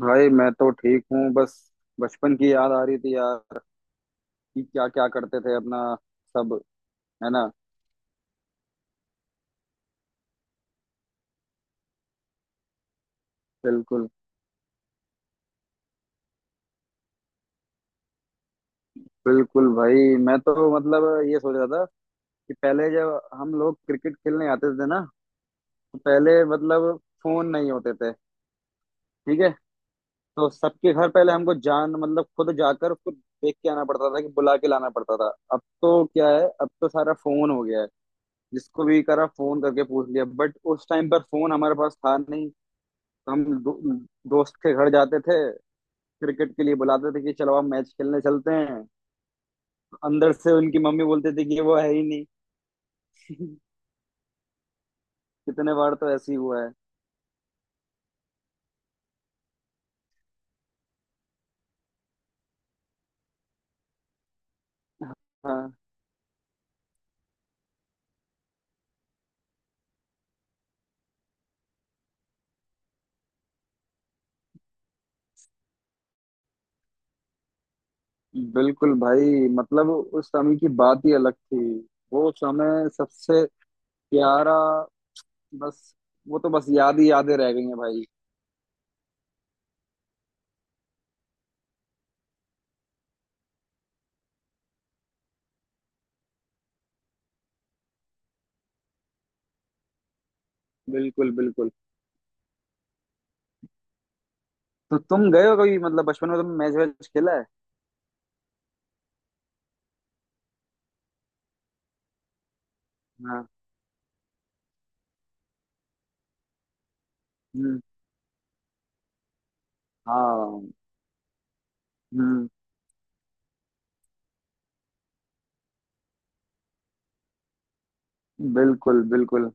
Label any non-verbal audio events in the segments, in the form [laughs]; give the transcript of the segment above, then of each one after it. भाई मैं तो ठीक हूँ बस। बचपन की याद आ रही थी यार कि क्या क्या करते थे अपना सब। है ना। बिल्कुल बिल्कुल भाई, मैं तो मतलब ये सोच रहा था कि पहले जब हम लोग क्रिकेट खेलने आते थे ना, तो पहले मतलब फोन नहीं होते थे। ठीक है। तो सबके घर पहले हमको जान मतलब खुद जाकर खुद देख के आना पड़ता था कि बुला के लाना पड़ता था। अब तो क्या है, अब तो सारा फोन हो गया है। जिसको भी करा फोन करके पूछ लिया, बट उस टाइम पर फोन हमारे पास था नहीं। तो हम दोस्त के घर जाते थे, क्रिकेट के लिए बुलाते थे कि चलो आप मैच खेलने चलते हैं। अंदर से उनकी मम्मी बोलती थी कि वो है ही नहीं। [laughs] कितने बार तो ऐसे ही हुआ है। हाँ। बिल्कुल भाई मतलब उस समय की बात ही अलग थी। वो समय सबसे प्यारा। बस वो तो बस याद ही यादें रह गई हैं भाई। बिल्कुल बिल्कुल। तो तुम गए हो कभी मतलब बचपन में तुम मैच वैच खेला है? हाँ। हम्म। हाँ। हम्म। बिल्कुल बिल्कुल।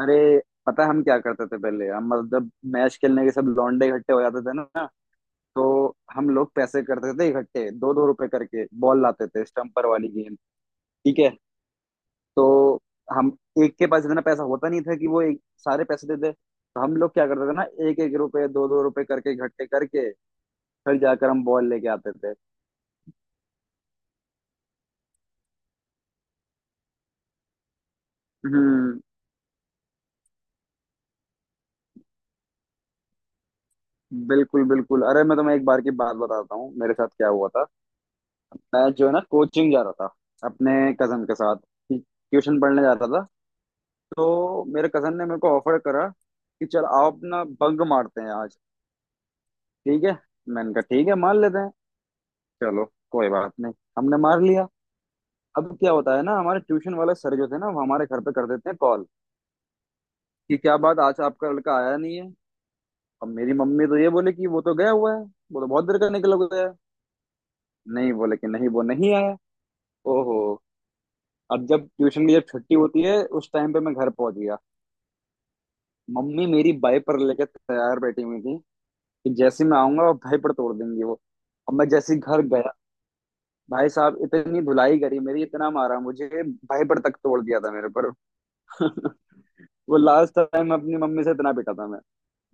अरे पता है हम क्या करते थे पहले? हम मतलब मैच खेलने के सब लौंडे इकट्ठे हो जाते थे ना। तो हम लोग पैसे करते थे इकट्ठे, दो दो रुपए करके बॉल लाते थे, स्टम्पर वाली गेंद। ठीक है। तो हम एक के पास इतना पैसा होता नहीं था कि वो एक सारे पैसे दे दे, तो हम लोग क्या करते थे ना, एक एक रुपए दो दो रुपए करके इकट्ठे करके फिर जाकर हम बॉल लेके आते थे। हम्म। बिल्कुल बिल्कुल। अरे मैं तुम्हें एक बार की बात बताता हूँ मेरे साथ क्या हुआ था। मैं जो है ना कोचिंग जा रहा था अपने कजन के साथ, ट्यूशन पढ़ने जाता था। तो मेरे कजन ने मेरे को ऑफर करा कि चल आओ अपना बंक मारते हैं आज। ठीक है। मैंने कहा ठीक है, मार लेते हैं। चलो, कोई बात नहीं। हमने मार लिया। अब क्या होता है ना, हमारे ट्यूशन वाले सर जो थे ना वो हमारे घर पे कर देते हैं कॉल कि क्या बात आज आपका लड़का आया नहीं है। अब मेरी मम्मी तो ये बोले कि वो तो गया हुआ है, वो तो बहुत देर का निकला गया है। नहीं बोले कि नहीं वो नहीं आया। ओहो। अब जब ट्यूशन की जब छुट्टी होती है उस टाइम पे मैं घर पहुंच गया। मम्मी मेरी बाइपर लेके तैयार बैठी हुई थी कि जैसे मैं आऊंगा वो भाई पर तोड़ देंगी वो। और मैं जैसे ही घर गया, भाई साहब इतनी धुलाई करी मेरी, इतना मारा मुझे, भाईपर तक तोड़ दिया था मेरे पर। [laughs] वो लास्ट टाइम अपनी मम्मी से इतना पिटा था मैं।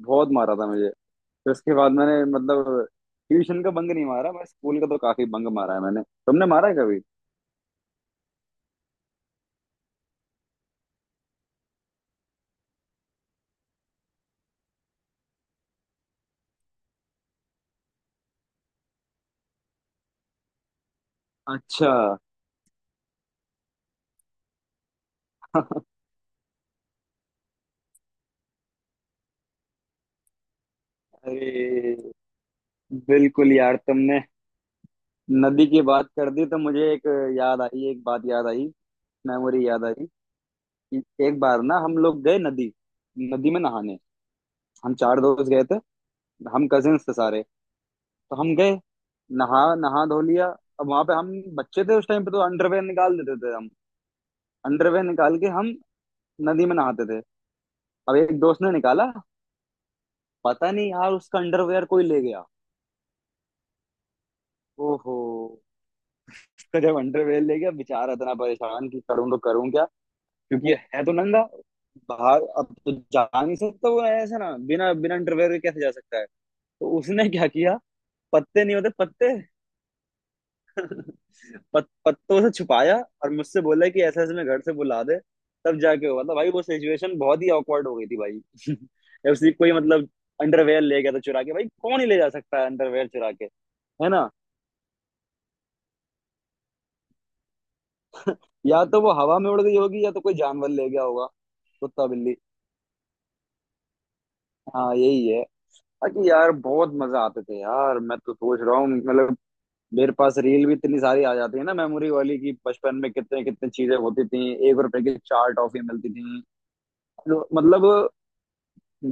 बहुत मारा था मुझे। फिर उसके बाद मैंने मतलब ट्यूशन का बंक नहीं मारा। मैं स्कूल का तो काफी बंक मारा है मैंने। तुमने मारा है कभी? अच्छा। अरे बिल्कुल यार, तुमने नदी की बात कर दी तो मुझे एक याद आई, एक बात याद आई, मेमोरी याद आई कि एक बार ना हम लोग गए नदी, नदी में नहाने। हम चार दोस्त गए थे। हम कजिन्स थे सारे। तो हम गए, नहा नहा धो लिया। अब वहां पे हम बच्चे थे उस टाइम पे तो अंडरवेयर निकाल देते थे हम। अंडरवेयर निकाल के हम नदी में नहाते थे। अब एक दोस्त ने निकाला, पता नहीं यार उसका अंडरवेयर कोई ले गया। ओहो। उसका जब अंडरवेयर ले गया, बेचारा इतना परेशान कि करूं तो करूं क्या। क्योंकि है तो नंगा, बाहर अब तो जा नहीं सकता वो ऐसे ना, बिना बिना अंडरवेयर के कैसे जा सकता है। तो उसने क्या किया, पत्ते नहीं होते पत्ते, पत्तों से छुपाया। और मुझसे बोला कि ऐसे ऐसे मैं घर से बुला दे। तब जाके हुआ था भाई, वो सिचुएशन बहुत ही ऑकवर्ड हो गई थी भाई। [laughs] उसी कोई मतलब अंडरवेयर ले गया था चुरा के, भाई कौन ही ले जा सकता है अंडरवेयर चुरा के। है ना। या तो वो हवा में उड़ गई होगी या तो कोई जानवर ले गया होगा, कुत्ता बिल्ली। हाँ यही है। बाकी यार बहुत मजा आते थे यार। मैं तो सोच रहा हूँ मतलब मेरे पास रील भी इतनी सारी आ जाती है ना मेमोरी वाली कि बचपन में कितने कितने चीजें होती थी। 1 रुपए की 4 टॉफी मिलती थी। मतलब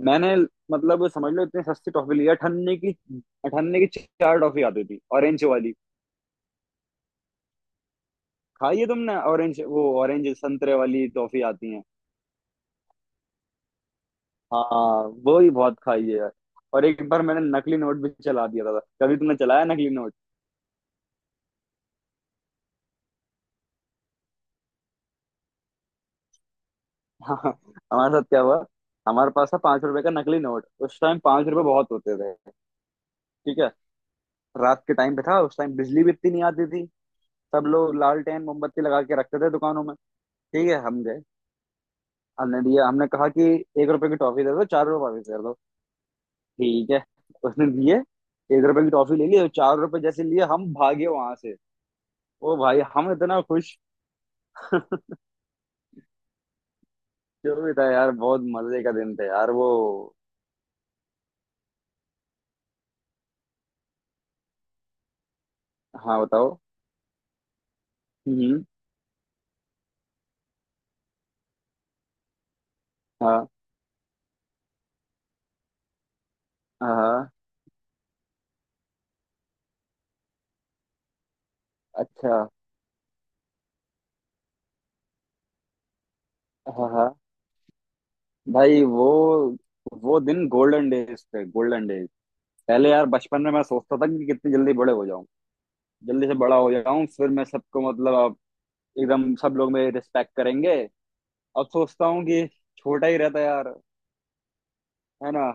मैंने मतलब समझ लो इतने सस्ते टॉफी लिए अठन्ने की। अठन्ने की चार टॉफी आती थी ऑरेंज वाली। खाई है तुमने ऑरेंज? वो ऑरेंज संतरे वाली टॉफी आती है। हाँ। वो ही बहुत खाई है यार। और एक बार मैंने नकली नोट भी चला दिया था। कभी तुमने चलाया नकली नोट? [laughs] हमारे साथ क्या हुआ, हमारे पास था 5 रुपए का नकली नोट। उस टाइम 5 रुपए बहुत होते थे। ठीक है। रात के टाइम पे था, उस टाइम बिजली भी इतनी नहीं आती थी। सब लोग लालटेन मोमबत्ती लगा के रखते थे दुकानों में। ठीक है। हम हमने दिया, हमने कहा कि 1 रुपए की टॉफी दे दो, 4 रुपए वापस कर दो। ठीक है। उसने दिए 1 रुपए की टॉफी ले ली और 4 रुपए जैसे लिए, हम भागे वहां से। ओ भाई हम इतना खुश। जो भी था यार, बहुत मजे का दिन था यार वो। हाँ बताओ। हम्म। हाँ। हाँ। हाँ। अच्छा। हाँ। हाँ। भाई वो दिन गोल्डन डेज थे, गोल्डन डेज। पहले यार बचपन में मैं सोचता था कि कितनी जल्दी बड़े हो जाऊं, जल्दी से बड़ा हो जाऊं, फिर मैं सबको मतलब अब एकदम सब लोग मेरी रिस्पेक्ट करेंगे। अब सोचता हूँ कि छोटा ही रहता यार। है ना।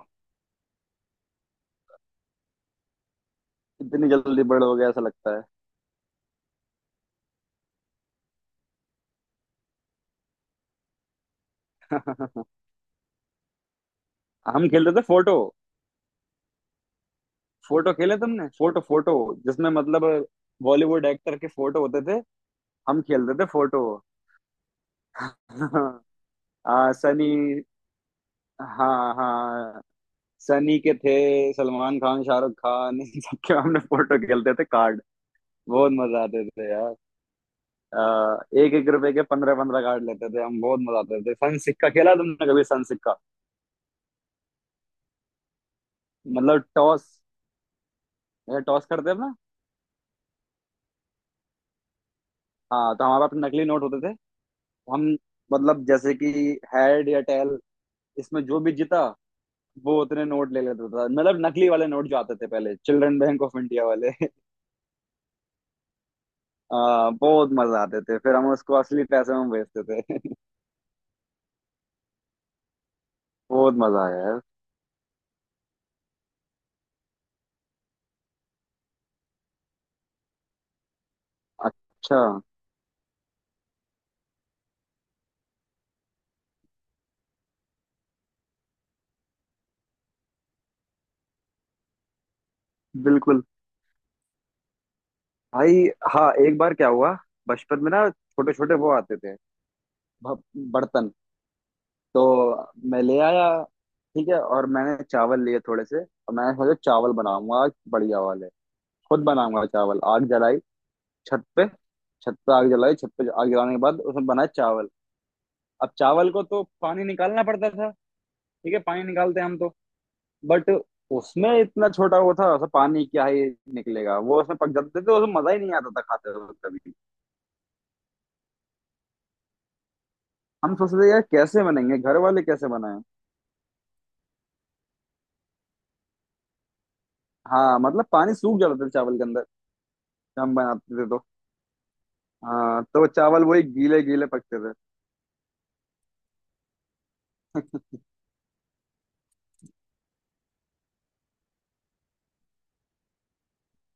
इतनी जल्दी बड़े हो गया ऐसा लगता है। [laughs] हम खेलते थे फोटो। फोटो खेले तुमने? फोटो फोटो, जिसमें मतलब बॉलीवुड एक्टर के फोटो होते थे। हम खेलते थे फोटो। [laughs] हाँ सनी, हाँ हाँ, सनी के थे, सलमान खान शाहरुख खान इन सबके हमने फोटो खेलते थे कार्ड। बहुत मजा आते थे यार। आ, एक एक रुपए के 15 15 कार्ड लेते थे हम। बहुत मजा आते थे। सन सिक्का खेला तुमने कभी सन सिक्का? मतलब टॉस। अच्छा टॉस करते हैं ना। हाँ तो हमारे पास नकली नोट होते थे। हम मतलब जैसे कि हेड या टेल, इसमें जो भी जीता वो उतने नोट ले लेता था। मतलब नकली वाले नोट जो आते थे पहले, चिल्ड्रन बैंक ऑफ इंडिया वाले। [laughs] बहुत मजा आते थे। फिर हम उसको असली पैसे में बेचते थे। [laughs] बहुत मजा आया यार। अच्छा। बिल्कुल भाई। हाँ एक बार क्या हुआ, बचपन में ना छोटे छोटे वो आते थे, भ- बर्तन। तो मैं ले आया। ठीक है। और मैंने चावल लिए थोड़े से और मैंने सोचा चावल बनाऊंगा आज बढ़िया वाले, खुद बनाऊंगा चावल। आग जलाई छत पे। छत पे आग जलाई, छत पे आग जलाने के बाद उसमें बनाए चावल। अब चावल को तो पानी निकालना पड़ता था। ठीक है, पानी निकालते हम तो, बट उसमें इतना छोटा वो था, उसमें पानी क्या ही निकलेगा, वो उसमें पक जाते थे। तो उसमें मजा ही नहीं आता था खाते वक्त कभी। हम सोचते थे यार कैसे बनेंगे, घर वाले कैसे बनाए। हाँ मतलब पानी सूख जाता था चावल के अंदर। जब हम बनाते थे तो, हाँ, तो चावल वही गीले गीले पकते थे।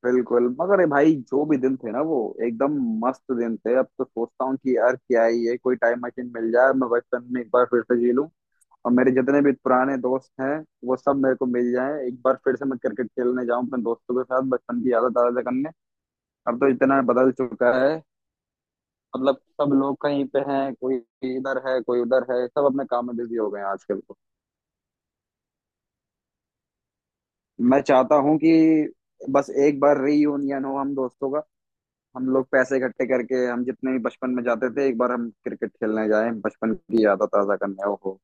बिल्कुल मगर ये भाई जो भी दिन थे ना वो एकदम मस्त दिन थे। अब तो सोचता हूँ कि यार क्या ही है, कोई टाइम मशीन मिल जाए मैं बचपन में एक बार फिर से जी लूँ। और मेरे जितने भी पुराने दोस्त हैं वो सब मेरे को मिल जाए एक बार फिर से, मैं क्रिकेट खेलने जाऊँ अपने दोस्तों के साथ बचपन की यादें ताज़ा करने। अब तो इतना बदल चुका है, मतलब सब लोग कहीं पे हैं, कोई इधर है कोई उधर है, सब अपने काम में बिजी हो गए हैं आजकल तो। मैं चाहता हूँ कि बस एक बार रीयूनियन हो हम दोस्तों का, हम लोग पैसे इकट्ठे करके हम जितने भी बचपन में जाते थे एक बार हम क्रिकेट खेलने जाए बचपन की याद ताजा करने। ओहो।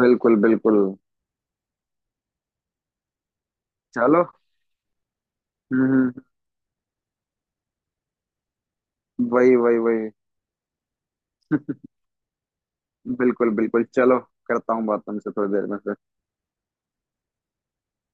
बिल्कुल बिल्कुल। चलो। हम्म। वही वही वही। [laughs] बिल्कुल बिल्कुल। चलो, करता हूँ बात तुमसे थोड़ी देर में फिर।